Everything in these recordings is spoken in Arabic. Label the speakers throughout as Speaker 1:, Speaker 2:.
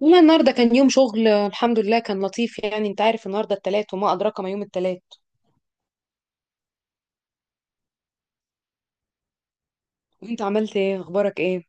Speaker 1: والله النهارده كان يوم شغل الحمد لله كان لطيف. يعني انت عارف النهارده التلات وما ادراك ما يوم التلات. وانت عملت ايه؟ اخبارك ايه؟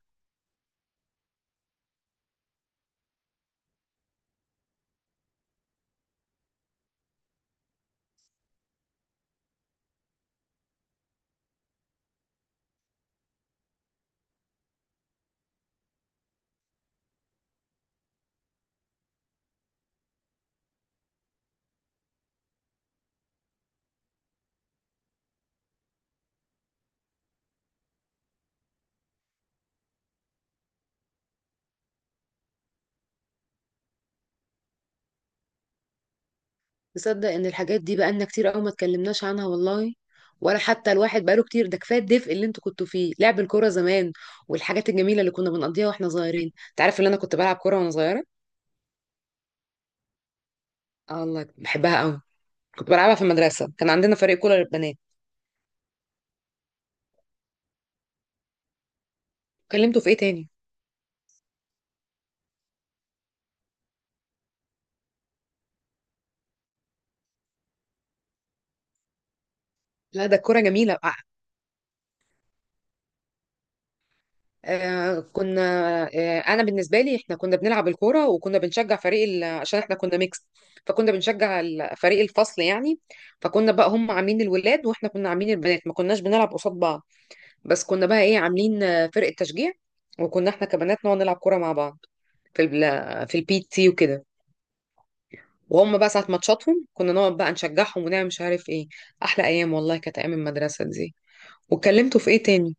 Speaker 1: تصدق ان الحاجات دي بقالنا كتير قوي ما اتكلمناش عنها والله؟ ولا حتى الواحد بقاله كتير. ده كفايه الدفء اللي انتوا كنتوا فيه لعب الكوره زمان والحاجات الجميله اللي كنا بنقضيها واحنا صغيرين. انت عارف ان انا كنت بلعب كوره وانا صغيره؟ اه الله بحبها قوي. كنت بلعبها في المدرسه، كان عندنا فريق كوره للبنات. كلمته في ايه تاني؟ لا ده الكوره جميله. آه، كنا آه، انا بالنسبه لي احنا كنا بنلعب الكوره وكنا بنشجع فريق عشان احنا كنا ميكس. فكنا بنشجع فريق الفصل يعني. فكنا بقى هم عاملين الولاد واحنا كنا عاملين البنات، ما كناش بنلعب قصاد بعض. بس كنا بقى ايه عاملين فرقه تشجيع. وكنا احنا كبنات نقعد نلعب كوره مع بعض في في البي تي وكده. وهم بقى ساعه ماتشاتهم كنا نقعد بقى نشجعهم ونعمل مش عارف ايه. احلى ايام والله، كانت ايام المدرسه دي. واتكلمتوا في ايه تاني؟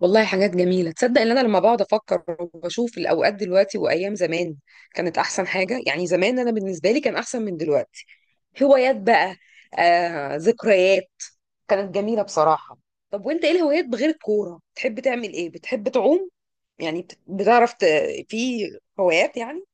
Speaker 1: والله حاجات جميلة. تصدق ان انا لما بقعد افكر وبشوف الاوقات دلوقتي وايام زمان كانت احسن حاجة. يعني زمان انا بالنسبة لي كان احسن من دلوقتي. هوايات بقى، ذكريات، كانت جميلة بصراحة. طب وانت ايه الهوايات بغير الكورة؟ بتحب تعمل ايه؟ بتحب تعوم؟ يعني بتعرف في هوايات يعني؟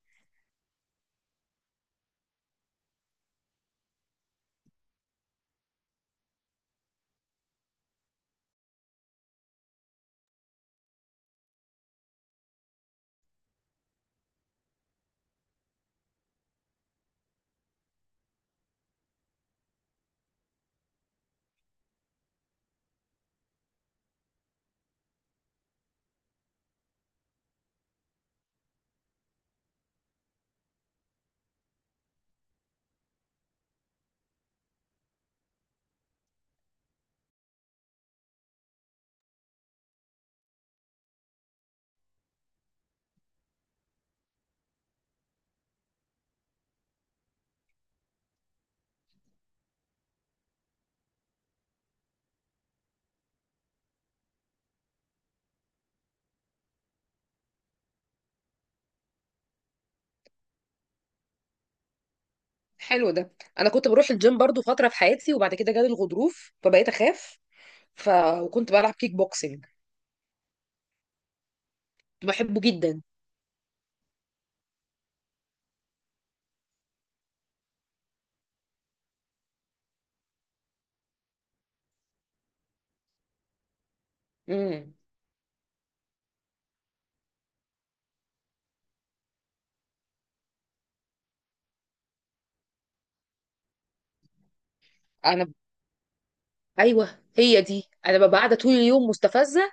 Speaker 1: حلو ده. انا كنت بروح الجيم برضو فترة في حياتي وبعد كده جالي الغضروف فبقيت اخاف. ف... وكنت بلعب كيك بوكسينج، كنت بحبه جدا. امم. انا ايوه هي دي، انا ببقى قاعده طول اليوم مستفزه،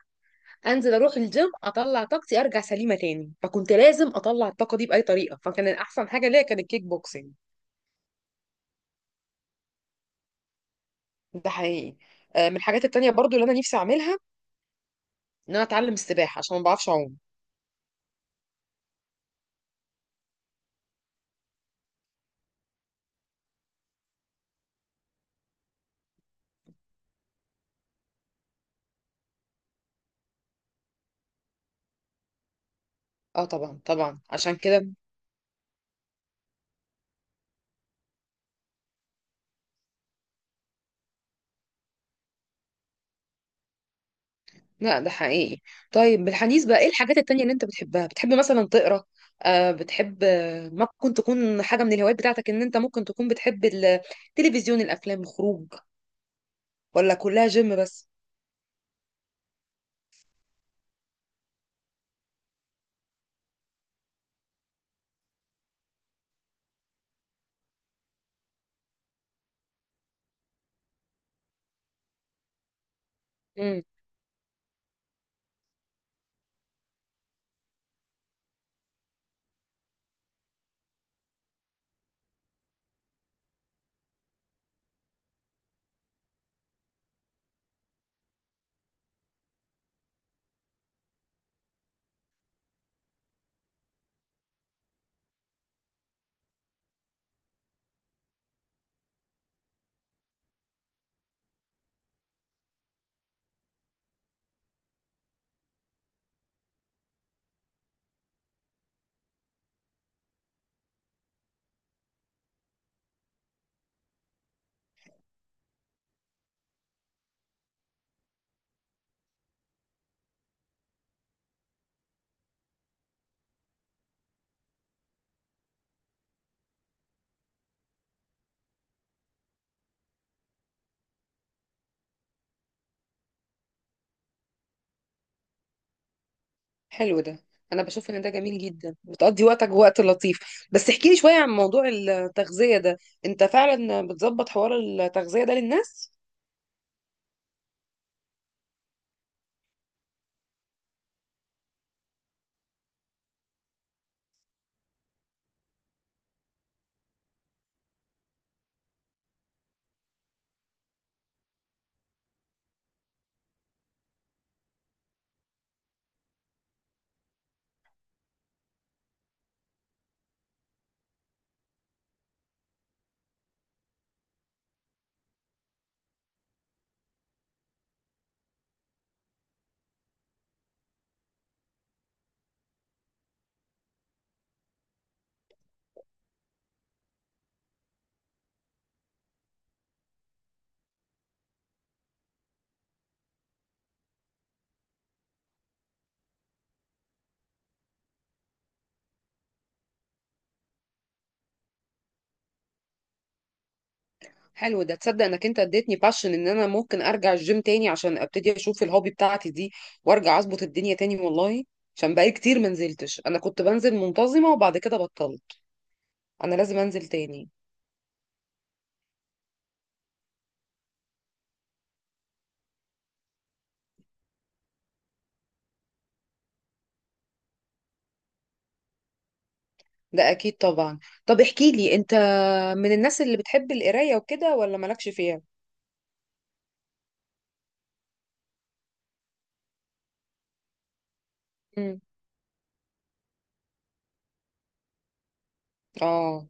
Speaker 1: انزل اروح الجيم اطلع طاقتي ارجع سليمه تاني. فكنت لازم اطلع الطاقه دي باي طريقه، فكان احسن حاجه ليا كان الكيك بوكسنج. ده حقيقي. من الحاجات التانية برضو اللي انا نفسي اعملها ان انا اتعلم السباحه عشان ما بعرفش اعوم. اه طبعا طبعا عشان كده. لا ده حقيقي. طيب بالحديث بقى ايه الحاجات التانية اللي انت بتحبها؟ بتحب مثلا تقرا؟ بتحب ممكن تكون حاجه من الهوايات بتاعتك ان انت ممكن تكون بتحب التلفزيون، الافلام، الخروج؟ ولا كلها جيم بس؟ حلو ده. انا بشوف ان ده جميل جدا، بتقضي وقتك وقت لطيف. بس احكي لي شوية عن موضوع التغذية ده. انت فعلا بتظبط حوار التغذية ده للناس؟ حلو ده. تصدق انك انت اديتني باشن ان انا ممكن ارجع الجيم تاني عشان ابتدي اشوف الهوبي بتاعتي دي وارجع اظبط الدنيا تاني والله. عشان بقالي كتير ما نزلتش. انا كنت بنزل منتظمة وبعد كده بطلت. انا لازم انزل تاني. ده اكيد طبعا. طب احكي لي انت، من الناس اللي بتحب القراية وكده ولا مالكش فيها؟ امم. اه.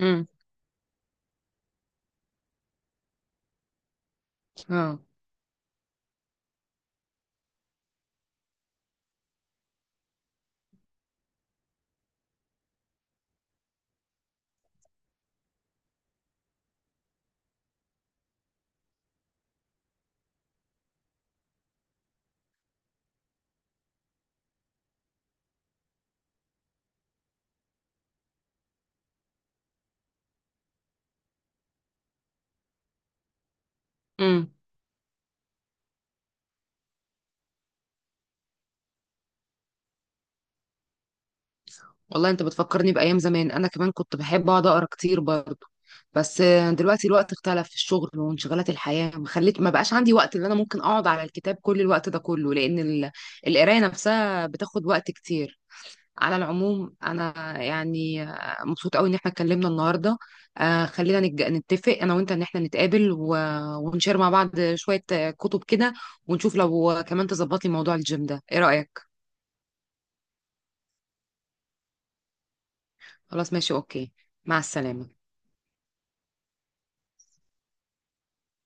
Speaker 1: امم. اه. امم. والله انت بتفكرني بايام زمان. انا كمان كنت بحب اقعد اقرا كتير برضه. بس دلوقتي الوقت اختلف في الشغل وانشغالات الحياه ما بقاش عندي وقت اللي انا ممكن اقعد على الكتاب كل الوقت ده كله. لان القرايه نفسها بتاخد وقت كتير. على العموم، انا يعني مبسوطه قوي ان احنا اتكلمنا النهارده. خلينا نتفق انا وانت ان احنا نتقابل ونشير مع بعض شويه كتب كده. ونشوف لو كمان تظبط لي موضوع الجيم ده، ايه رايك؟ خلاص ماشي اوكي. مع السلامة.